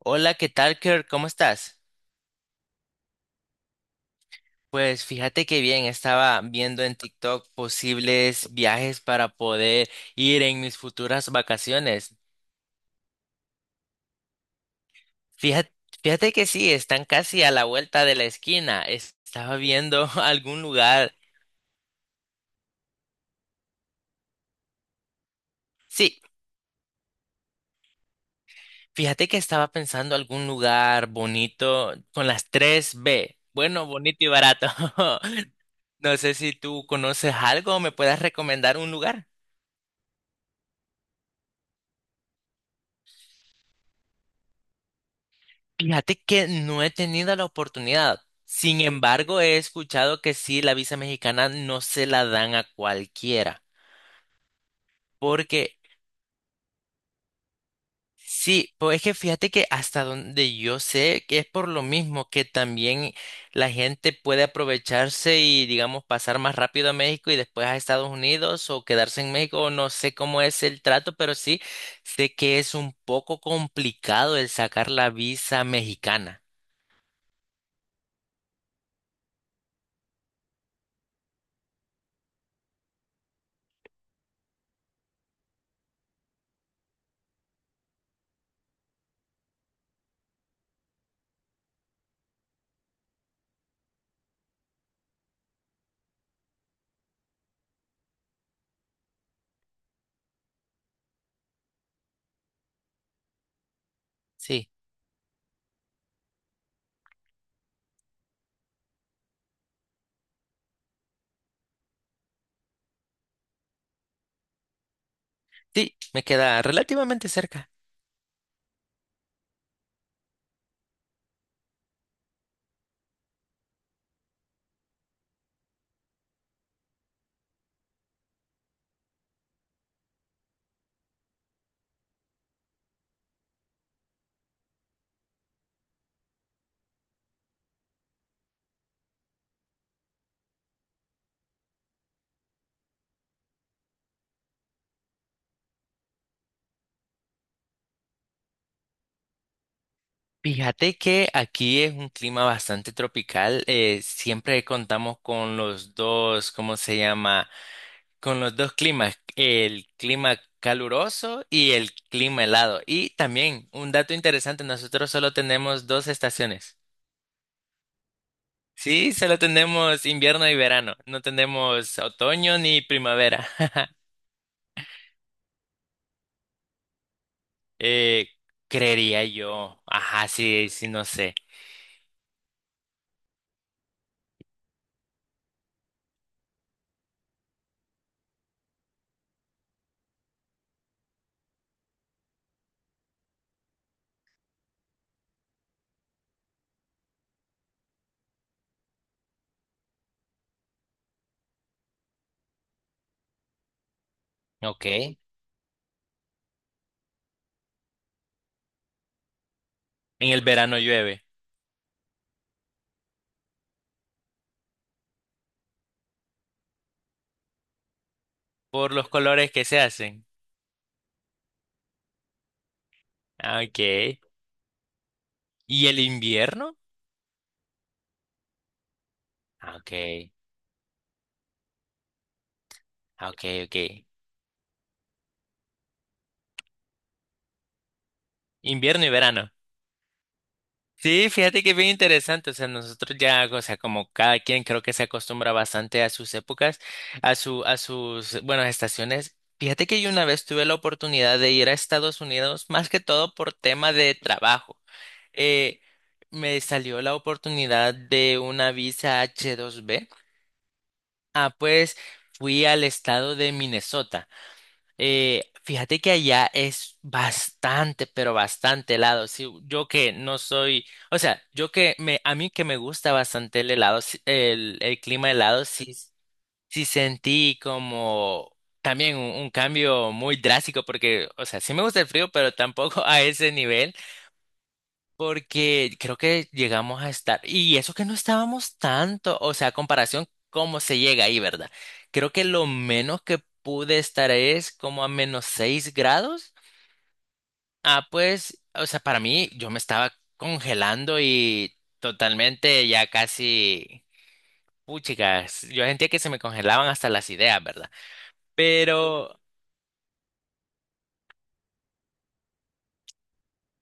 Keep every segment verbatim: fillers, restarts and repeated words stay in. Hola, ¿qué tal, Kirk? ¿Cómo estás? Pues fíjate que bien, estaba viendo en TikTok posibles viajes para poder ir en mis futuras vacaciones. Fíjate, fíjate que sí, están casi a la vuelta de la esquina. Es- Estaba viendo algún lugar. Sí, fíjate que estaba pensando algún lugar bonito con las tres b. Bueno, bonito y barato. No sé si tú conoces algo o me puedas recomendar un lugar. Fíjate que no he tenido la oportunidad. Sin embargo, he escuchado que sí, la visa mexicana no se la dan a cualquiera. Porque sí, pues es que fíjate que hasta donde yo sé que es por lo mismo que también la gente puede aprovecharse y, digamos, pasar más rápido a México y después a Estados Unidos o quedarse en México. O No sé cómo es el trato, pero sí sé que es un poco complicado el sacar la visa mexicana. Sí, sí, me queda relativamente cerca. Fíjate que aquí es un clima bastante tropical. Eh, siempre contamos con los dos, ¿cómo se llama? Con los dos climas, el clima caluroso y el clima helado. Y también, un dato interesante, nosotros solo tenemos dos estaciones. Sí, solo tenemos invierno y verano. No tenemos otoño ni primavera. Eh, Creería yo. Ajá, sí, sí, no sé. Ok. En el verano llueve. Por los colores que se hacen. Ah, okay. ¿Y el invierno? Ah, okay, ah, okay, okay. Invierno y verano. Sí, fíjate que bien interesante. O sea, nosotros ya, o sea, como cada quien creo que se acostumbra bastante a sus épocas, a su, a sus, bueno, estaciones. Fíjate que yo una vez tuve la oportunidad de ir a Estados Unidos, más que todo por tema de trabajo. Eh, Me salió la oportunidad de una visa H dos B. Ah, pues fui al estado de Minnesota. Eh, fíjate que allá es bastante, pero bastante helado. Sí, yo que no soy, o sea, yo que me, a mí que me gusta bastante el helado, sí- el, el clima helado, sí, sí sentí como también un, un cambio muy drástico, porque, o sea, sí me gusta el frío, pero tampoco a ese nivel. Porque creo que llegamos a estar, y eso que no estábamos tanto, o sea, a comparación, cómo se llega ahí, ¿verdad? Creo que lo menos que pude estar es como a menos seis grados. Ah, pues, o sea, para mí yo me estaba congelando y totalmente ya casi, puchicas, yo sentía que se me congelaban hasta las ideas, ¿verdad? Pero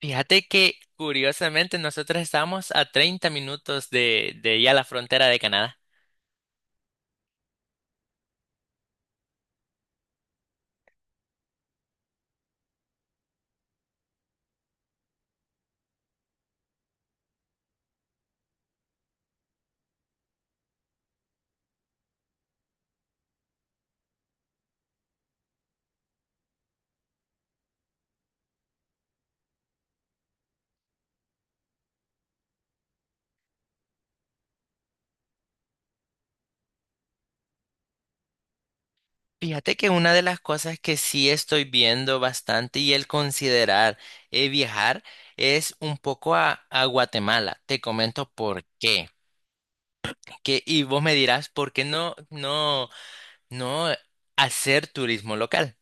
fíjate que curiosamente nosotros estábamos a treinta minutos de, de ya la frontera de Canadá. Fíjate que una de las cosas que sí estoy viendo bastante y el considerar eh, viajar es un poco a, a Guatemala. Te comento por qué. Que, y vos me dirás, ¿por qué no, no, no hacer turismo local?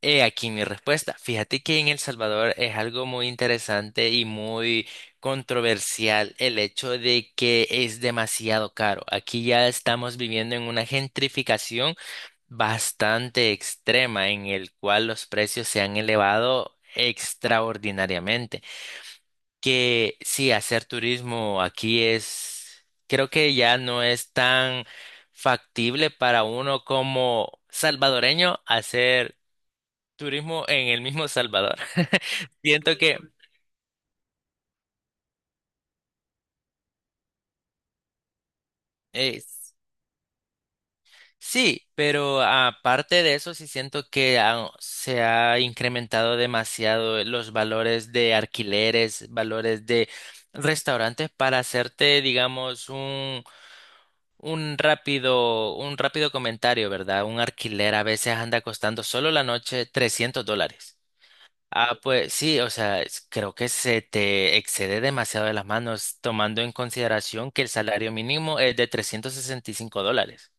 He aquí mi respuesta. Fíjate que en El Salvador es algo muy interesante y muy controversial el hecho de que es demasiado caro. Aquí ya estamos viviendo en una gentrificación bastante extrema en el cual los precios se han elevado extraordinariamente. Que sí, hacer turismo aquí es, creo que ya no es tan factible para uno como salvadoreño hacer turismo en el mismo Salvador. Siento que eh, sí, pero aparte de eso, sí siento que ha- se ha incrementado demasiado los valores de alquileres, valores de restaurantes para hacerte, digamos, un un rápido, un rápido comentario, ¿verdad? Un alquiler a veces anda costando solo la noche trescientos dólares. Ah, pues sí, o sea, es- creo que se te excede demasiado de las manos tomando en consideración que el salario mínimo es de trescientos sesenta y cinco dólares.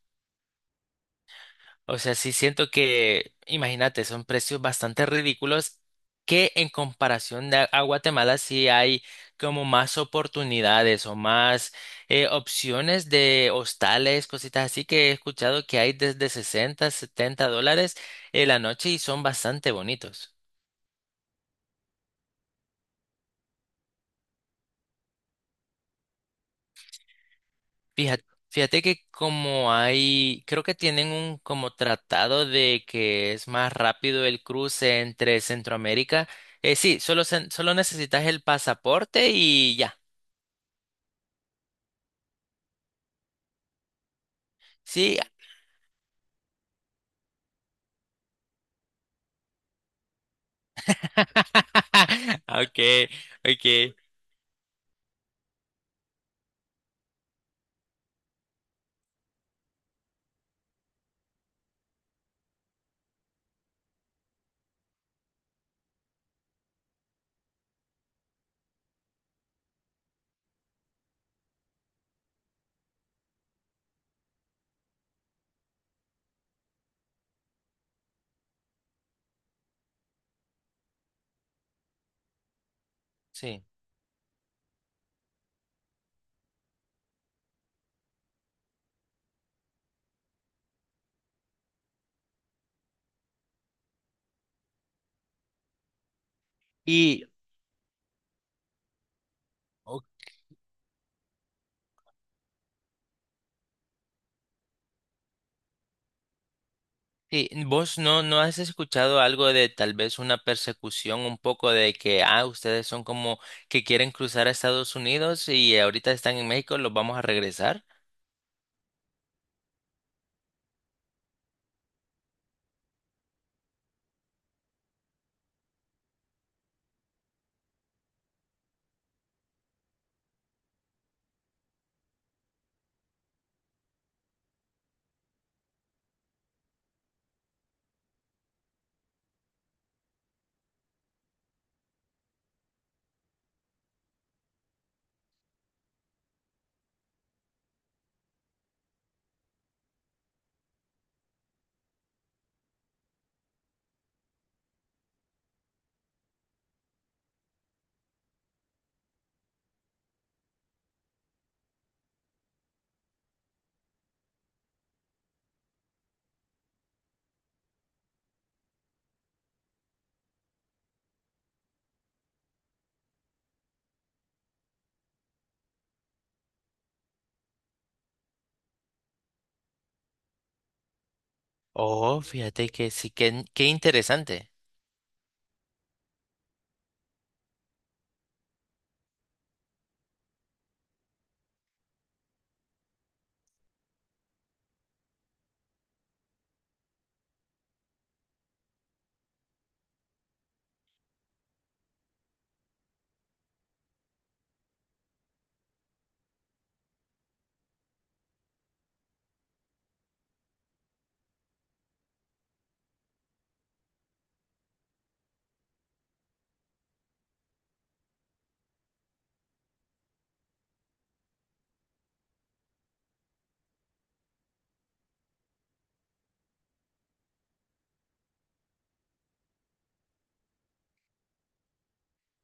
O sea, sí siento que, imagínate, son precios bastante ridículos que en comparación de a a Guatemala sí hay como más oportunidades o más eh, opciones de hostales, cositas así que he escuchado que hay desde sesenta, setenta dólares en la noche y son bastante bonitos. Fíjate, fíjate que como hay, creo que tienen un como tratado de que es más rápido el cruce entre Centroamérica. Eh, sí, solo, se- solo necesitas el pasaporte y ya. Sí. Okay, okay. Sí. Y ok, sí, vos no, no has escuchado algo de tal vez una persecución un poco de que ah, ustedes son como que quieren cruzar a Estados Unidos y ahorita están en México, los vamos a regresar. Oh, fíjate que sí, que qué interesante.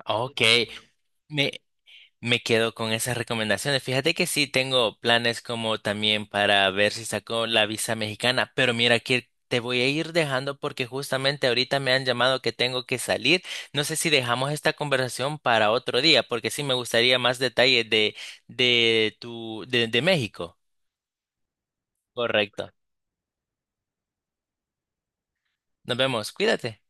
Ok, me, me quedo con esas recomendaciones. Fíjate que sí, tengo planes como también para ver si saco la visa mexicana, pero mira que te voy a ir dejando porque justamente ahorita me han llamado que tengo que salir. No sé si dejamos esta conversación para otro día, porque sí me gustaría más detalles de, de tu, de, de México. Correcto. Nos vemos, cuídate.